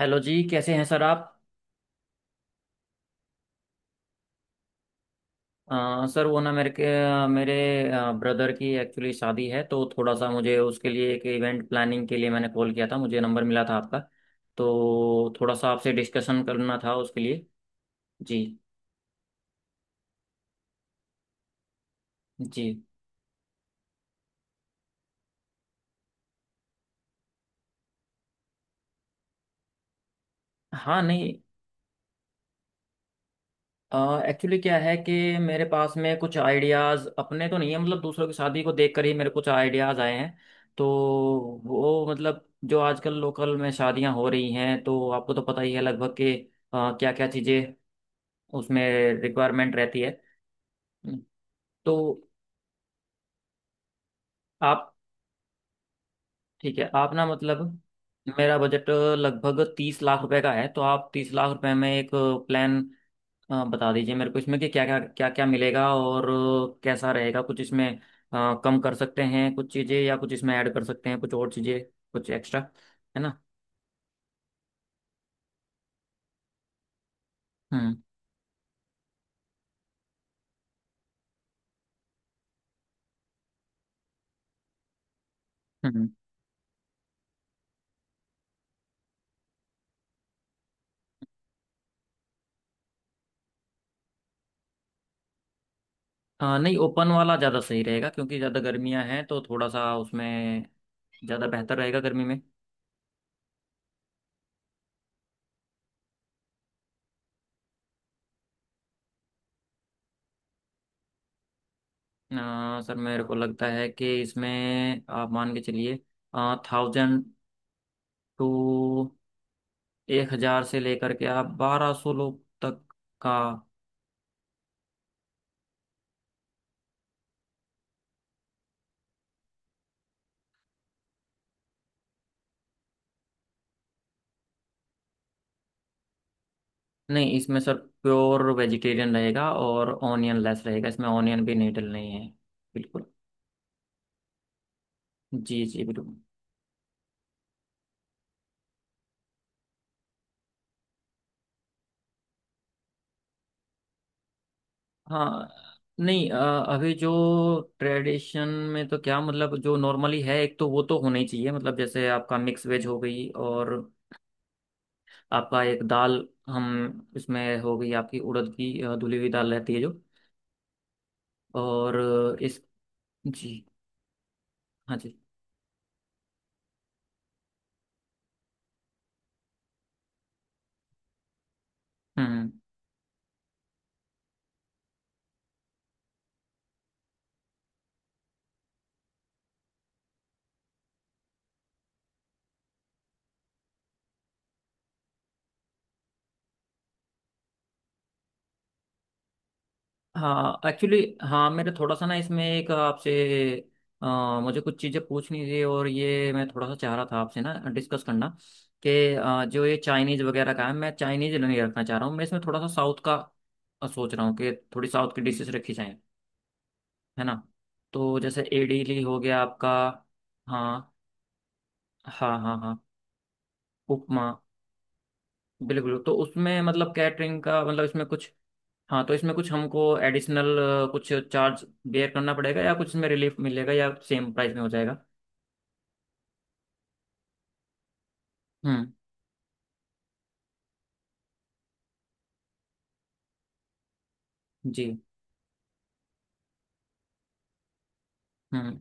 Hello जी, कैसे हैं सर आप? सर, वो ना मेरे ब्रदर की एक्चुअली शादी है तो थोड़ा सा मुझे उसके लिए एक इवेंट प्लानिंग के लिए मैंने कॉल किया था, मुझे नंबर मिला था आपका। तो थोड़ा सा आपसे डिस्कशन करना था उसके लिए। जी जी। हाँ नहीं, एक्चुअली क्या है कि मेरे पास में कुछ आइडियाज़ अपने तो नहीं है, मतलब दूसरों की शादी को देखकर ही मेरे कुछ आइडियाज़ आए हैं। तो वो मतलब जो आजकल लोकल में शादियां हो रही हैं तो आपको तो पता ही है लगभग के क्या क्या चीज़ें उसमें रिक्वायरमेंट रहती है। तो आप ठीक है, आप ना मतलब मेरा बजट लगभग 30 लाख रुपए का है। तो आप 30 लाख रुपए में एक प्लान बता दीजिए मेरे को, इसमें कि क्या क्या मिलेगा और कैसा रहेगा कुछ इसमें। कम कर सकते हैं कुछ चीज़ें या कुछ इसमें ऐड कर सकते हैं कुछ और चीज़ें। कुछ एक्स्ट्रा, है ना? हम्म। हम्म। नहीं, ओपन वाला ज़्यादा सही रहेगा क्योंकि ज़्यादा गर्मियां हैं तो थोड़ा सा उसमें ज़्यादा बेहतर रहेगा गर्मी में। सर, मेरे को लगता है कि इसमें आप मान के चलिए थाउजेंड टू 1,000 से लेकर के आप 1,200 लोग तक का। नहीं इसमें सर प्योर वेजिटेरियन रहेगा और ऑनियन लेस रहेगा, इसमें ऑनियन भी नहीं डलनी है। बिल्कुल। जी जी बिल्कुल। हाँ नहीं, अभी जो ट्रेडिशन में तो क्या मतलब जो नॉर्मली है एक तो वो तो होना ही चाहिए। मतलब जैसे आपका मिक्स वेज हो गई और आपका एक दाल, हम इसमें हो गई आपकी उड़द की धुली हुई दाल रहती है जो। और अ, इस जी। हाँ जी। हम्म। हाँ एक्चुअली, हाँ मेरे थोड़ा सा ना इसमें एक आपसे मुझे कुछ चीज़ें पूछनी थी और ये मैं थोड़ा सा चाह रहा था आपसे ना डिस्कस करना कि जो ये चाइनीज़ वगैरह का है, मैं चाइनीज़ नहीं रखना चाह रहा हूँ। मैं इसमें थोड़ा सा साउथ का सोच रहा हूँ कि थोड़ी साउथ की डिशेस रखी जाएँ, है ना? तो जैसे इडली हो गया आपका। हाँ हाँ हाँ। हाँ उपमा बिल्कुल। तो उसमें मतलब कैटरिंग का मतलब इसमें कुछ। हाँ तो इसमें कुछ हमको एडिशनल कुछ चार्ज बेयर करना पड़ेगा या कुछ इसमें रिलीफ मिलेगा या सेम प्राइस में हो जाएगा? हम्म। जी। हम्म।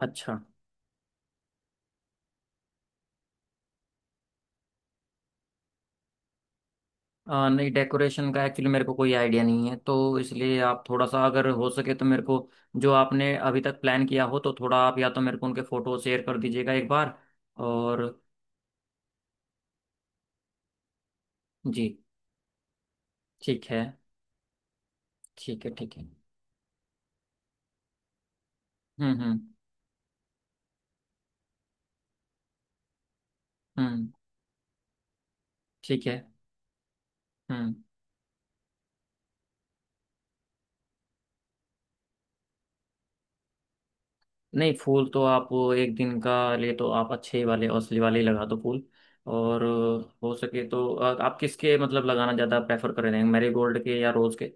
अच्छा। नहीं, डेकोरेशन का एक्चुअली मेरे को कोई आइडिया नहीं है तो इसलिए आप थोड़ा सा, अगर हो सके तो मेरे को जो आपने अभी तक प्लान किया हो तो थोड़ा आप या तो मेरे को उनके फोटो शेयर कर दीजिएगा एक बार। और जी। ठीक है ठीक है ठीक है। हम्म हम्म हम्म। ठीक है। हम्म, नहीं फूल तो आप एक दिन का ले तो आप अच्छे वाले असली वाले ही लगा दो फूल। और हो सके तो आप किसके मतलब लगाना ज़्यादा प्रेफर करेंगे, मैरीगोल्ड के या रोज़ के?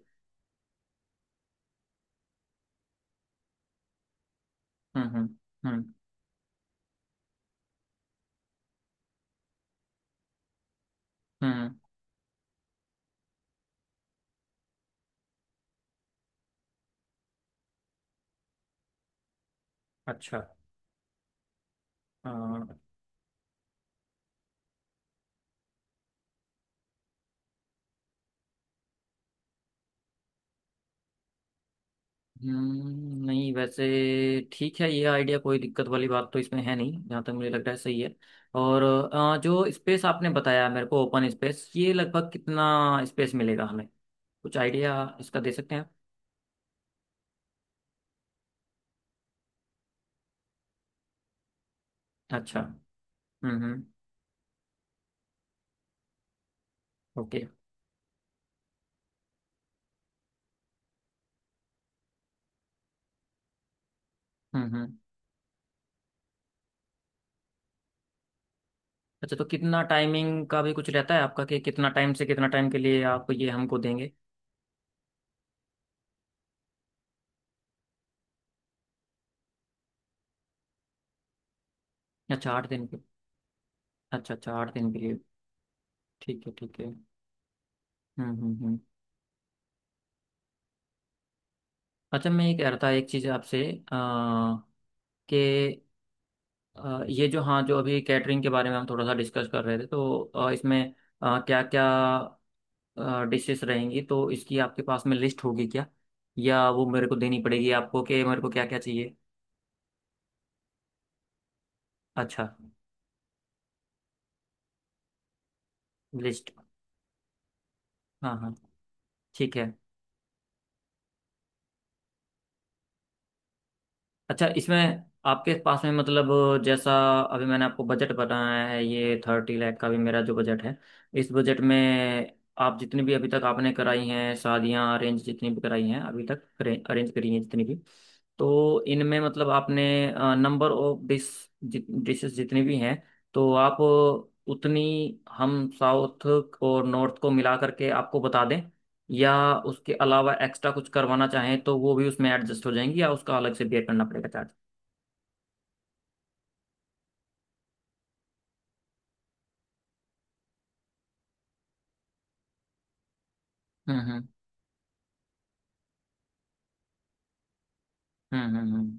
हम्म हम्म हम्म हम्म। अच्छा। अ, हम्म, नहीं वैसे ठीक है, ये आइडिया कोई दिक्कत वाली बात तो इसमें है नहीं, जहाँ तक मुझे लग रहा है सही है। और जो स्पेस आपने बताया मेरे को ओपन स्पेस, ये लगभग कितना स्पेस मिलेगा हमें? कुछ आइडिया इसका दे सकते हैं आप? अच्छा। हम्म। ओके। हम्म। अच्छा, तो कितना टाइमिंग का भी कुछ रहता है आपका कि कितना टाइम से कितना टाइम के लिए आप ये हमको देंगे? अच्छा, 8 दिन के। अच्छा अच्छा, 8 दिन के लिए। ठीक है ठीक है। हम्म। अच्छा, मैं ये कह रहा था एक चीज़ आपसे अ, कि ये जो, हाँ जो अभी कैटरिंग के बारे में हम थोड़ा सा डिस्कस कर रहे थे तो इसमें क्या क्या डिशेस रहेंगी, तो इसकी आपके पास में लिस्ट होगी क्या? या वो मेरे को देनी पड़ेगी आपको कि मेरे को क्या क्या चाहिए? अच्छा, लिस्ट। हाँ हाँ। ठीक है। अच्छा, इसमें आपके पास में मतलब जैसा अभी मैंने आपको बजट बताया है, ये 30 लाख का भी मेरा जो बजट है, इस बजट में आप जितनी भी अभी तक आपने कराई हैं शादियां अरेंज, जितनी भी कराई हैं अभी तक अरेंज करी हैं जितनी भी, तो इनमें मतलब आपने नंबर ऑफ डिशेस जितनी भी हैं, तो आप उतनी हम साउथ और नॉर्थ को मिला करके आपको बता दें, या उसके अलावा एक्स्ट्रा कुछ करवाना चाहें तो वो भी उसमें एडजस्ट हो जाएंगी या उसका अलग से बेयर करना पड़ेगा चार्ज? हम्म हम्म हम्म हम्म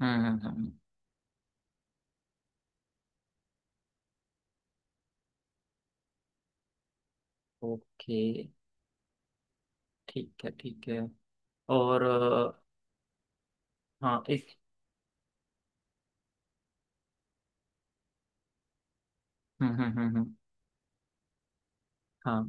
हम्म। ओके। ठीक है ठीक है। और हाँ एक। हम्म हम्म हम्म हम्म, हाँ।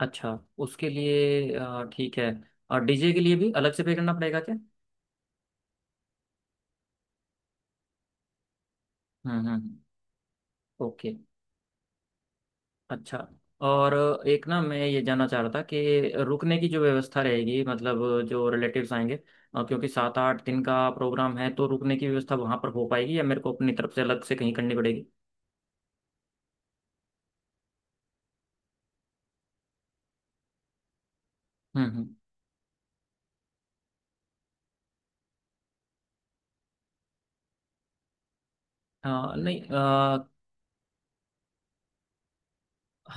अच्छा, उसके लिए ठीक है। और डीजे के लिए भी अलग से पे करना पड़ेगा क्या? हम्म। ओके। अच्छा। और एक ना मैं ये जानना चाह रहा था कि रुकने की जो व्यवस्था रहेगी, मतलब जो रिलेटिव्स आएंगे, क्योंकि 7-8 दिन का प्रोग्राम है तो रुकने की व्यवस्था वहां पर हो पाएगी या मेरे को अपनी तरफ से अलग से कहीं करनी पड़ेगी? हम्म। हाँ नहीं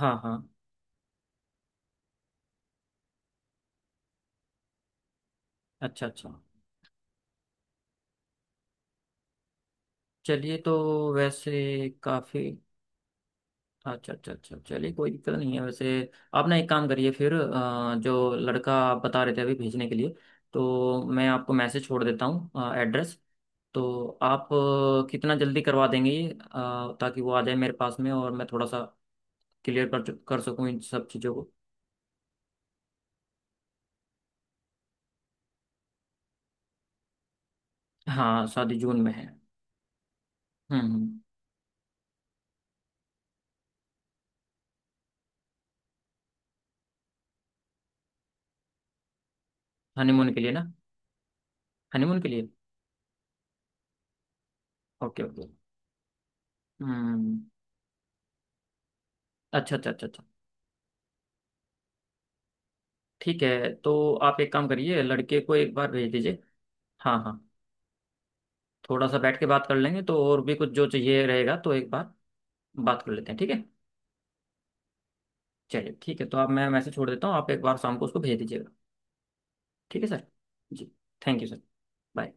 हाँ हाँ। अच्छा अच्छा, चलिए तो वैसे काफी। अच्छा अच्छा अच्छा, चलिए कोई दिक्कत नहीं है वैसे। आप ना एक काम करिए फिर, जो लड़का आप बता रहे थे अभी भेजने के लिए, तो मैं आपको मैसेज छोड़ देता हूँ एड्रेस। तो आप कितना जल्दी करवा देंगे ये, ताकि वो आ जाए मेरे पास में और मैं थोड़ा सा क्लियर कर सकूँ इन सब चीज़ों को। हाँ, शादी जून में है। हम्म हम्म, हनीमून के लिए ना, हनीमून के लिए। Okay okay. हम्म। अच्छा अच्छा अच्छा अच्छा, ठीक है तो आप एक काम करिए, लड़के को एक बार भेज दीजिए। हाँ हाँ, थोड़ा सा बैठ के बात कर लेंगे तो और भी कुछ जो चाहिए रहेगा तो एक बार बात कर लेते हैं, ठीक है? चलिए ठीक है, तो आप, मैं मैसेज छोड़ देता हूँ, आप एक बार शाम को उसको भेज दीजिएगा। ठीक है सर। जी। Thank you sir. बाय।